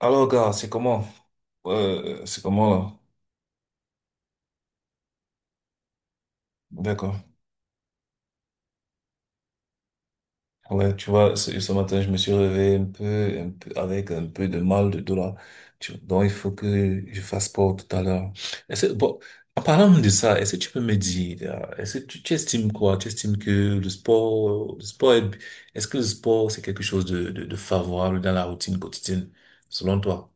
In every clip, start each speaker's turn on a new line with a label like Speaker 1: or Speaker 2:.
Speaker 1: Alors, gars, c'est comment? C'est comment là? D'accord. Ouais, tu vois, ce matin, je me suis réveillé avec un peu de mal de dos là. Donc, il faut que je fasse sport tout à l'heure. Est-ce, bon, En parlant de ça, est-ce que tu peux me dire, là, est-ce que tu estimes quoi? Tu estimes que le sport, le sport est, est-ce que le sport, c'est quelque chose de favorable dans la routine quotidienne, selon toi?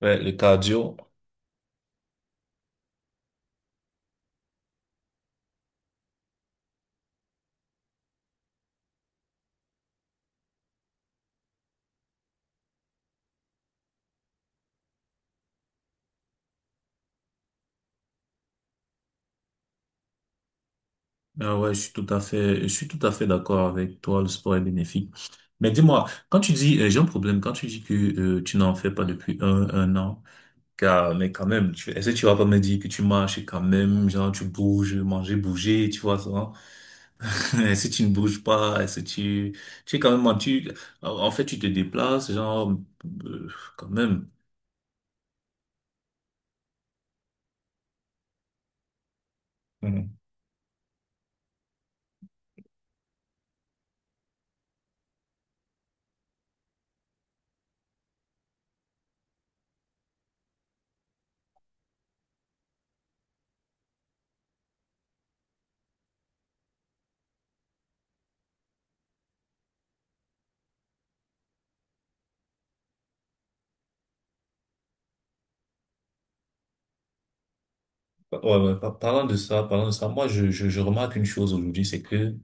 Speaker 1: Ouais, le cardio. Ah ouais, je suis tout à fait d'accord avec toi, le sport est bénéfique. Mais dis-moi, quand tu dis, j'ai un problème, quand tu dis que tu n'en fais pas depuis un an, car, mais quand même, est-ce que tu vas pas me dire que tu marches et quand même, genre tu bouges, manger, bouger, tu vois ça? Est-ce que tu ne bouges pas? Est-ce que tu es quand même, en fait, tu te déplaces, genre, euh, quand même. Mhm. Ouais, ouais, parlant de ça, moi, je remarque une chose aujourd'hui, c'est que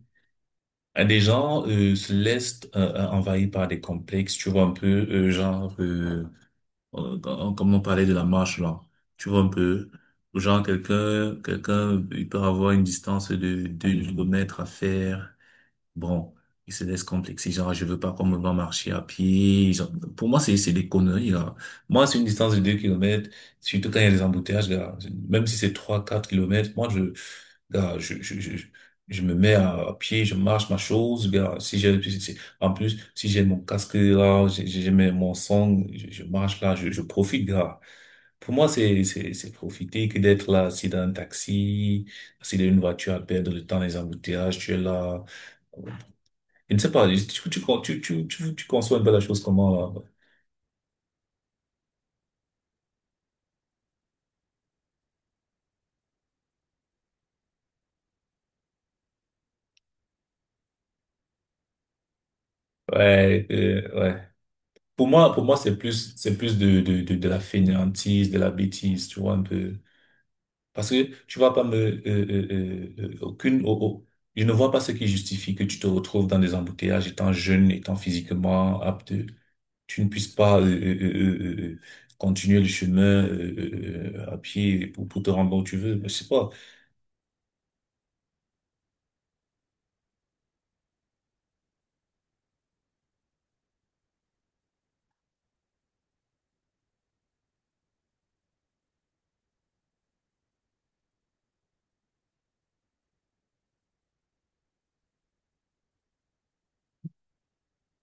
Speaker 1: Des gens se laissent envahir par des complexes, tu vois un peu, genre, comme on parlait de la marche là, tu vois un peu, genre quelqu'un, il peut avoir une distance de 2 km à faire, bon, il se laisse complexer, genre, je veux pas qu'on me voit marcher à pied, genre, pour moi, c'est des conneries, là. Moi, c'est une distance de 2 km, surtout quand il y a des embouteillages, là, même si c'est 3 4 km, gars, je me mets à pied, je marche ma chose. Gars, si j'ai, si- si- en plus, si j'ai mon casque là, mon son, je marche là, je profite, gars. Pour moi, c'est profiter que d'être là, assis dans un taxi, assis dans une voiture à perdre le temps, les embouteillages, tu es là. Je ne sais pas, tu conçois un peu la chose comment là? Ouais, ouais. Pour moi, c'est plus de la fainéantise, de la bêtise, tu vois, un peu. Parce que tu vas pas me, aucune, oh, oh, je ne vois pas ce qui justifie que tu te retrouves dans des embouteillages étant jeune, étant physiquement apte, tu ne puisses pas continuer le chemin à pied pour te rendre bon où tu veux. Mais je sais pas.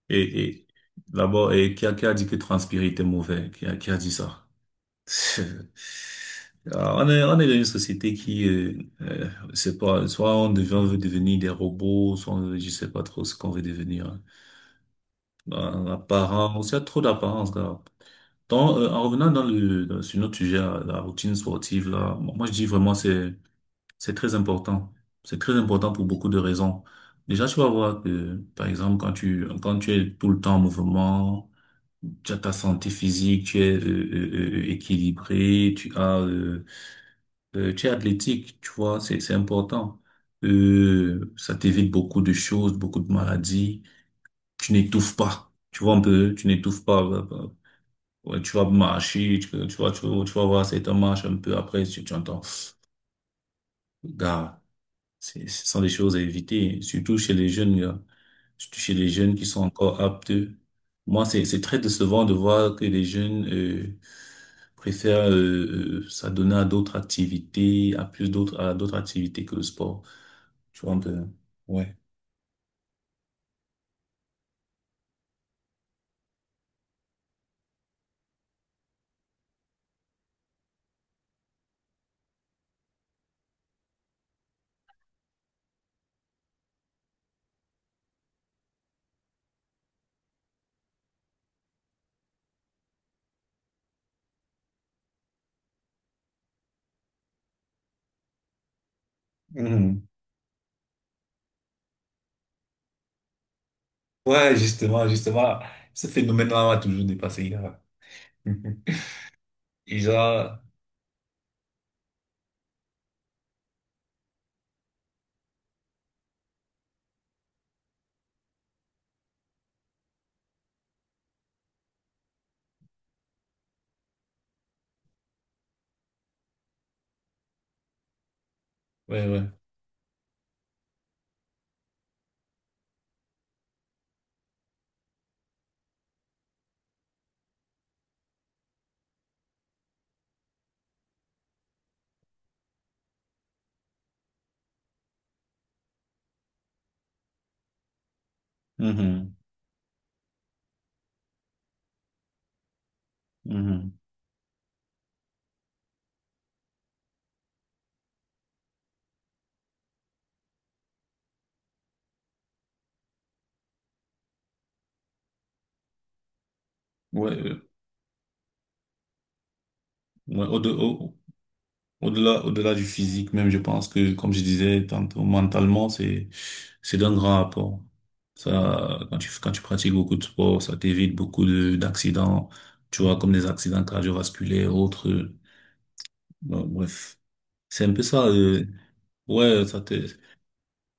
Speaker 1: Et d'abord, et qui a dit que transpirer était mauvais? Qui a dit ça? Ah, on est dans une société qui, c'est pas, soit on devient, on veut devenir des robots, je sais pas trop ce qu'on veut devenir. Dans l'apparence, il y a trop d'apparence là. Donc, en revenant sur notre sujet, là, la routine sportive là, moi, je dis vraiment c'est c'est très important. c'est très important pour beaucoup de raisons. Déjà, tu vas voir que, par exemple, quand tu es tout le temps en mouvement, tu as ta santé physique, tu es équilibré, tu as tu es athlétique, tu vois, c'est important. Ça t'évite beaucoup de choses, beaucoup de maladies. Tu n'étouffes pas. Tu vois un peu, tu n'étouffes pas. Ouais, tu vas marcher, tu vas voir certains marches un peu après, tu entends. Gars, ce sont des choses à éviter, surtout chez les jeunes, gars. Surtout chez les jeunes qui sont encore aptes. Moi, c'est très décevant de voir que les jeunes préfèrent s'adonner à d'autres activités, à d'autres activités que le sport. Tu vois un peu, ouais. Mhm. Ouais, justement, ce phénomène-là m'a toujours dépassé, gars. Et genre, ouais, ouais. Mhm. Mhm. Ouais, ouais, au-delà du physique, même, je pense que, comme je disais tantôt, mentalement, c'est d'un grand apport. Ça, quand tu pratiques beaucoup de sport, ça t'évite d'accidents, tu vois, comme des accidents cardiovasculaires, autres. Bon, bref. C'est un peu ça, ouais,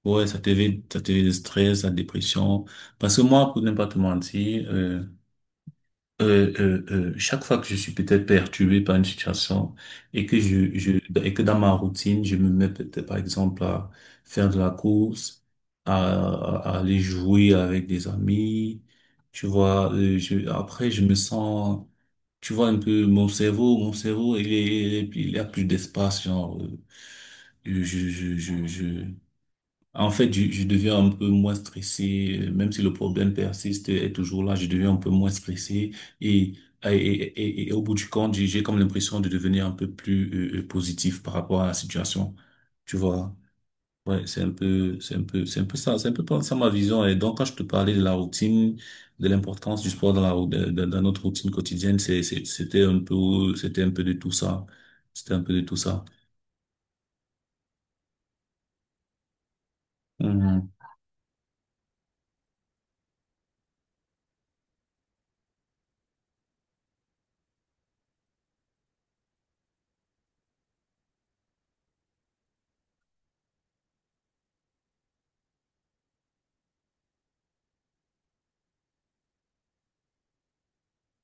Speaker 1: ouais, ça t'évite le stress, la dépression. Parce que moi, pour ne pas te mentir, euh, euh, chaque fois que je suis peut-être perturbé par une situation et que je et que dans ma routine, je me mets peut-être par exemple à faire de la course, à, à aller jouer avec des amis, tu vois, après je me sens, tu vois un peu mon cerveau il a plus d'espace, genre je, je, je, je, en fait, je deviens un peu moins stressé, même si le problème persiste, est toujours là, je deviens un peu moins stressé et, et au bout du compte, j'ai comme l'impression de devenir un peu plus positif par rapport à la situation. Tu vois? Ouais, c'est un peu ça, c'est un peu pas ça ma vision. Et donc, quand je te parlais de la routine, de l'importance du sport dans la, rou- dans, dans- dans notre routine quotidienne, c'était un peu de tout ça. C'était un peu de tout ça. Mhm.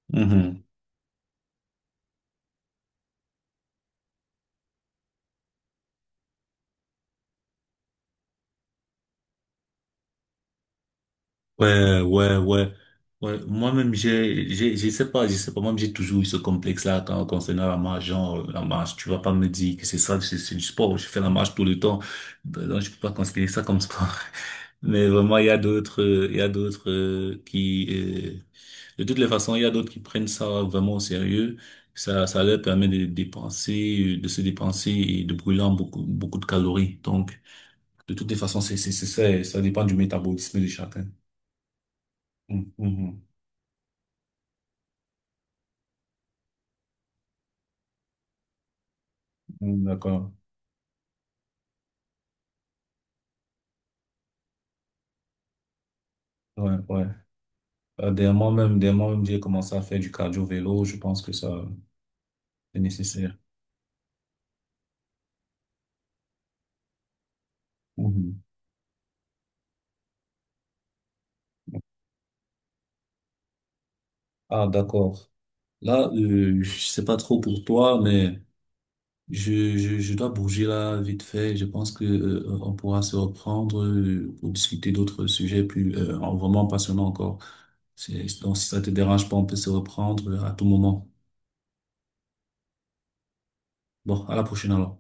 Speaker 1: Mhm. Ouais, ouais, ouais. Ouais, moi-même, je sais pas, moi-même, j'ai toujours eu ce complexe-là concernant la marche, genre, la marche, tu vas pas me dire que c'est ça, c'est du sport, je fais la marche tout le temps, donc je peux pas considérer ça comme sport. Mais vraiment, il y a d'autres, il y a d'autres de toutes les façons, il y a d'autres qui prennent ça vraiment au sérieux, ça leur permet de dépenser, de se dépenser et de brûler en beaucoup, beaucoup de calories. Donc, de toutes les façons, c'est ça, et ça dépend du métabolisme de chacun. Mhm. Mm, d'accord. Ouais, ouais. Dernièrement même, j'ai commencé à faire du cardio-vélo. Je pense que ça, c'est nécessaire. Mhm. Ah, d'accord. Là, je sais pas trop pour toi, mais je dois bouger là vite fait. Je pense que, on pourra se reprendre pour discuter d'autres sujets plus, vraiment passionnants encore. Donc, si ça te dérange pas, on peut se reprendre à tout moment. Bon, à la prochaine alors.